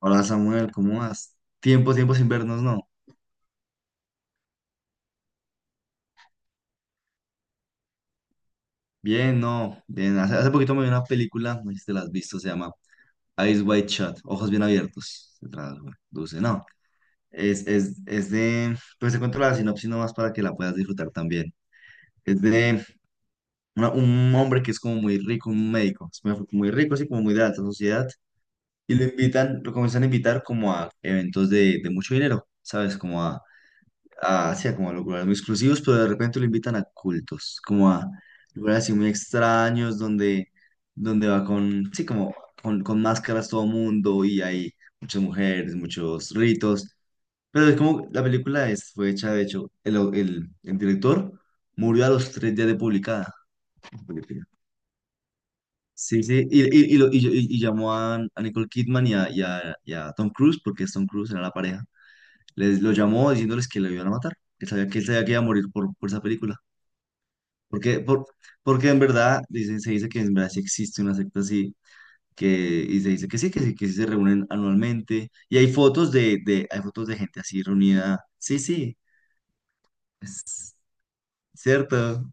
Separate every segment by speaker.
Speaker 1: Hola Samuel, ¿cómo vas? Tiempo sin vernos, ¿no? Bien, no. Bien. Hace poquito me vi una película, no sé si te la has visto, se llama Eyes Wide Shut, Ojos Bien Abiertos. Se traduce, no. Es de, pues te cuento la sinopsis nomás para que la puedas disfrutar también. Es de un hombre que es como muy rico, un médico, es muy, muy rico, así como muy de alta sociedad, y lo invitan, lo comienzan a invitar como a eventos de mucho dinero, ¿sabes? Como a hacía como a lugares muy exclusivos, pero de repente lo invitan a cultos, como a lugares así muy extraños, donde va con, sí, como con máscaras todo mundo y hay muchas mujeres, muchos ritos. Pero es como la película es, fue hecha, de hecho, el director murió a los 3 días de publicada la película. Sí, sí, y y- llamó a Nicole Kidman y a Tom Cruise, porque es Tom Cruise, era la pareja les lo llamó diciéndoles que le iban a matar, que sabía que él sabía que iba a morir por esa película. Porque, por, porque en verdad dicen, se dice que en verdad sí existe una secta así, que, y se dice que sí se reúnen anualmente. Y hay fotos hay fotos de gente así reunida. Sí, sí, es cierto.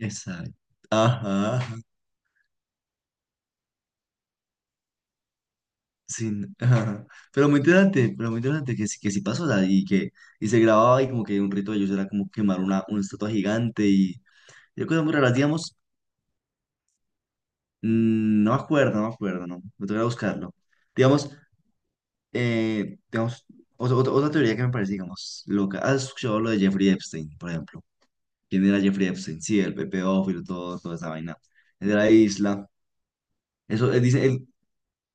Speaker 1: Exacto. Ajá, ajá, sí, ajá. Pero muy interesante que sí pasó, o sea, y que y se grababa y como que un rito de ellos era como quemar una estatua gigante y cosas muy raras, digamos. No me acuerdo, no me acuerdo, no. Me tocará buscarlo. Digamos, digamos, otra teoría que me parece, digamos, loca. ¿Has escuchado lo de Jeffrey Epstein, por ejemplo? ¿Quién era Jeffrey Epstein? Sí, el pedófilo, todo, toda esa vaina. Él de la isla. Eso, él dice, él,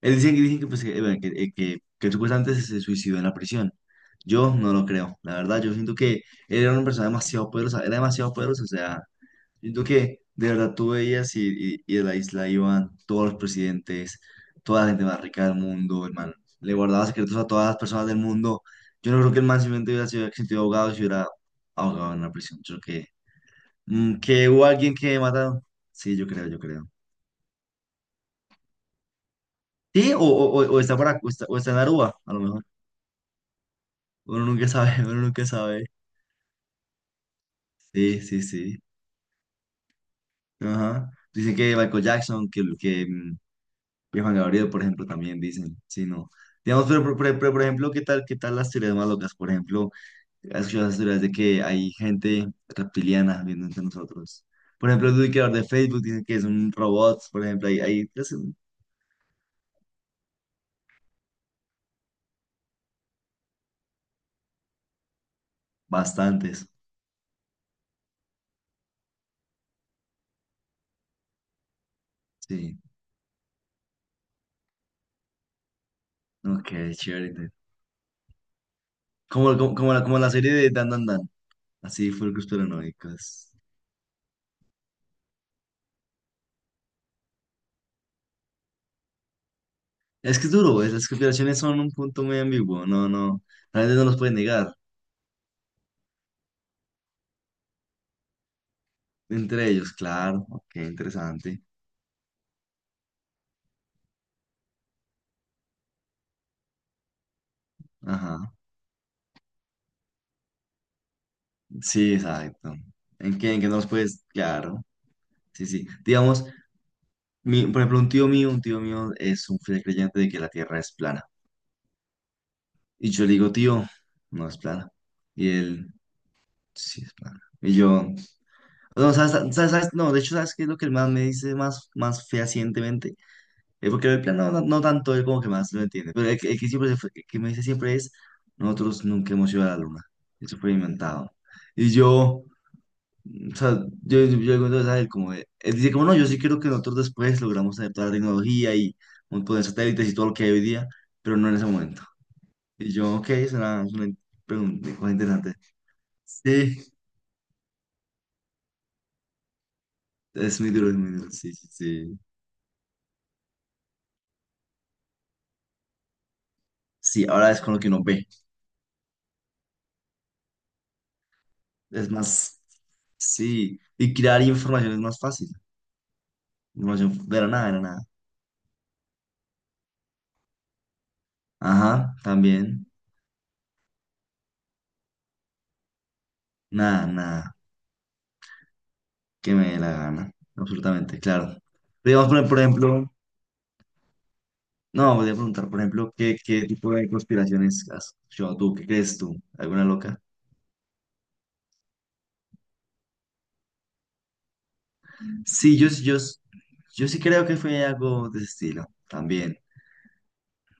Speaker 1: él dice, dicen que, pues, que, bueno, que él supuestamente se suicidó en la prisión. Yo no lo creo. La verdad, yo siento que él era una persona demasiado poderosa. Era demasiado poderosa, o sea. Siento que de verdad tú veías y de la isla iban todos los presidentes, toda la gente más rica del mundo, el man le guardaba secretos a todas las personas del mundo. Yo no creo que el man simplemente hubiera sido sentido ahogado si hubiera ahogado en la prisión. Yo creo que, que hubo alguien que mataron. Sí, yo creo, yo creo. Sí, o está por acá, o está en Aruba, a lo mejor. Uno nunca sabe, uno nunca sabe. Sí, sí, sí. Ajá. Dicen que Michael Jackson. Y Juan Gabriel, por ejemplo, también dicen, sí, no. Digamos, pero, por ejemplo, ¿qué tal las teorías más locas. Por ejemplo, has escuchado las teorías de que hay gente reptiliana viendo entre nosotros. Por ejemplo, el creador de Facebook dice que es un robot, por ejemplo, hay pues, bastantes. Sí, ok, chévere. Entonces, como la serie de Dan Dan Dan, así fue el conspiranoicos. Es que es duro, pues, las conspiraciones son un punto muy ambiguo, no, no, realmente no los pueden negar. Entre ellos, claro, ok, interesante. Ajá. Sí, exacto. ¿En que no los puedes? Claro. Sí, sí. Digamos, mi, por ejemplo, un tío mío es un fiel creyente de que la Tierra es plana. Y yo le digo, tío, no es plana. Y él, sí es plana. Y yo, no, ¿sabes? No, de hecho, ¿sabes qué es lo que el man me dice más, más fehacientemente? Porque el plano no tanto, él como que más lo entiende. Pero el que siempre que me dice siempre es, nosotros nunca hemos ido a la luna. Eso fue inventado. Y yo... O sea, yo cuento a él como, él dice como, no, yo sí creo que nosotros después logramos adaptar la tecnología y un montón de satélites y todo lo que hay hoy día, pero no en ese momento. Y yo, ok, es una pregunta, cosa interesante. Sí, es muy duro, sí, sí, sí. Sí, ahora es con lo que uno ve. Es más, sí, y crear información es más fácil. Información de la nada, de la nada. Ajá, también, nada, nada, que me dé la gana, absolutamente, claro. Pero digamos, por ejemplo... No, voy a preguntar, por ejemplo, ¿qué tipo de conspiraciones has escuchado tú? ¿Qué crees tú? ¿Alguna loca? Sí, yo sí creo que fue algo de ese estilo también.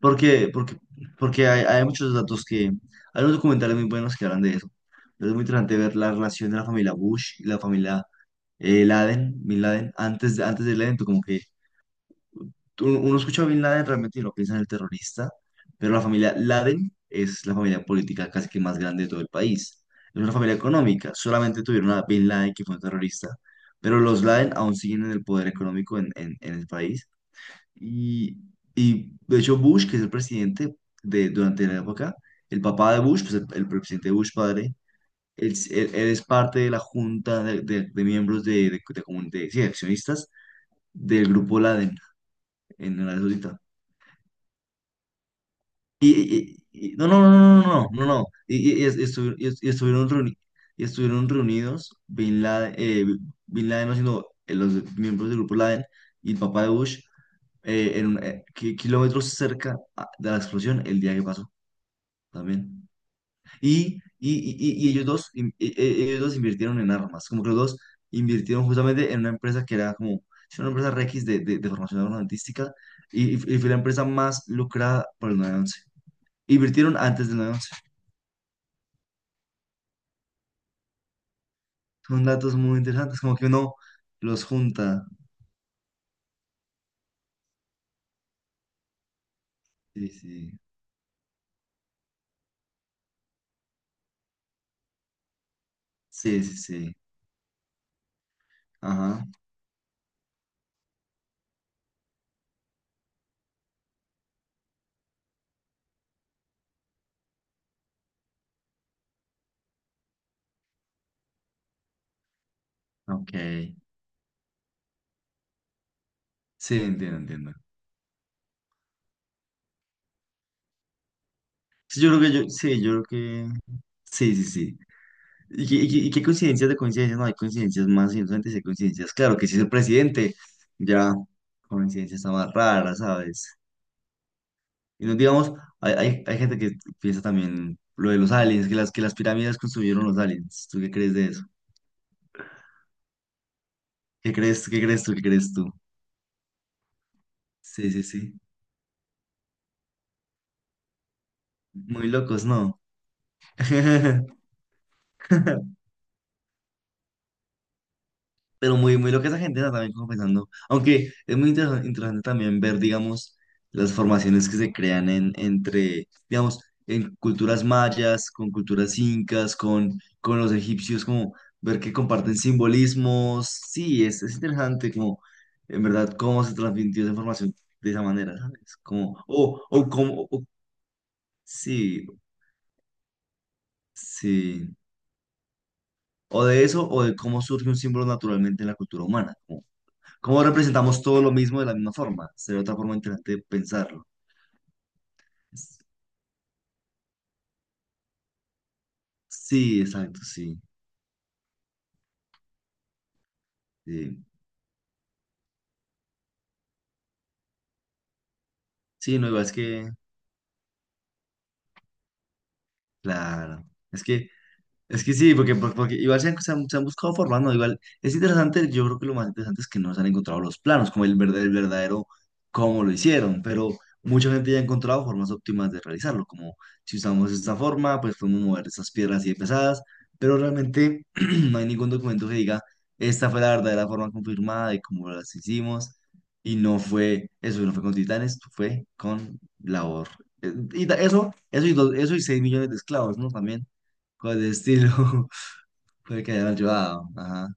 Speaker 1: Porque, porque, porque hay muchos datos que... Hay unos documentales muy buenos que hablan de eso. Pero es muy interesante ver la relación de la familia Bush y la familia Laden, Bin Laden, antes del evento, como que uno escucha a Bin Laden realmente y no piensa en el terrorista, pero la familia Laden es la familia política casi que más grande de todo el país. Es una familia económica, solamente tuvieron a Bin Laden que fue un terrorista, pero los Laden aún siguen en el poder económico en, en el país. Y, y de hecho Bush, que es el presidente durante la época, el papá de Bush, pues el presidente Bush padre, él es parte de la junta de miembros de sí, accionistas del grupo Laden en Arabia Saudita. No, no, no, no, no, no, no. No, y estuvieron reunidos Bin Laden, no, sino los miembros del grupo Laden y el papá de Bush kilómetros cerca de la explosión el día que pasó también. Y ellos dos, in- e- e- ellos dos invirtieron en armas, como que los dos invirtieron justamente en una empresa que era como sí, una empresa Rex de formación armamentística y fue la empresa más lucrada por el 9-11 invirtieron antes del 9-11. Son datos muy interesantes, como que uno los junta. Sí, sí, sí, sí, sí. Ajá, ok. Sí, entiendo, entiendo. Sí, yo creo que yo, sí, yo creo que, sí, sí, sí. ¿Y qué coincidencias de coincidencias? No, hay coincidencias más inocentes y hay coincidencias. Claro que si es el presidente, ya coincidencia está más rara, ¿sabes? Y no digamos, hay gente que piensa también lo de los aliens, que las pirámides construyeron los aliens. ¿Tú qué crees de eso? ¿Qué crees tú? Sí, sí, sí. Muy locos, ¿no? Pero muy, muy loca esa gente, ¿no? También como pensando. Aunque es muy interesante también ver, digamos, las formaciones que se crean entre, digamos, en culturas mayas, con culturas incas, con los egipcios, como ver que comparten simbolismos. Sí, es interesante como, en verdad, cómo se transmitió esa información de esa manera, ¿sabes? Como, sí, sí. O de eso, o de cómo surge un símbolo naturalmente en la cultura humana. ¿Cómo representamos todo lo mismo de la misma forma? Sería otra forma interesante de pensarlo. Es- Sí, exacto, sí. Sí, Sí, no, igual es que, claro, es que Es que sí, porque, porque igual se han, se han buscado formando, igual es interesante, yo creo que lo más interesante es que no se han encontrado los planos, como el verdadero cómo lo hicieron, pero mucha gente ya ha encontrado formas óptimas de realizarlo, como si usamos esta forma, pues podemos mover estas piedras así de pesadas, pero realmente no hay ningún documento que diga esta fue la verdadera forma confirmada de cómo las hicimos, y no fue, eso no fue con titanes, fue con labor. Eso y 6 millones de esclavos, ¿no? También con el estilo fue que hayan ayudado. Ajá.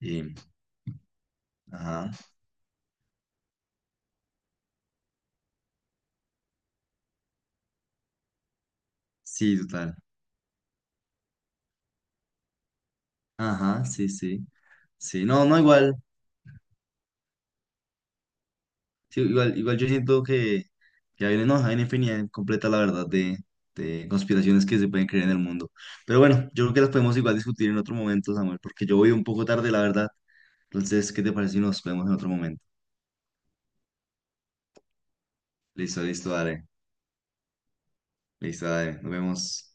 Speaker 1: Y, ajá. Sí, total. Ajá, sí, sí. Sí, no, no, igual. Sí, igual yo siento que hay una, no, hay una infinidad completa, la verdad, de conspiraciones que se pueden creer en el mundo. Pero bueno, yo creo que las podemos igual discutir en otro momento, Samuel, porque yo voy un poco tarde, la verdad. Entonces, ¿qué te parece si nos vemos en otro momento? Listo, listo, dale. Listo, dale. Nos vemos.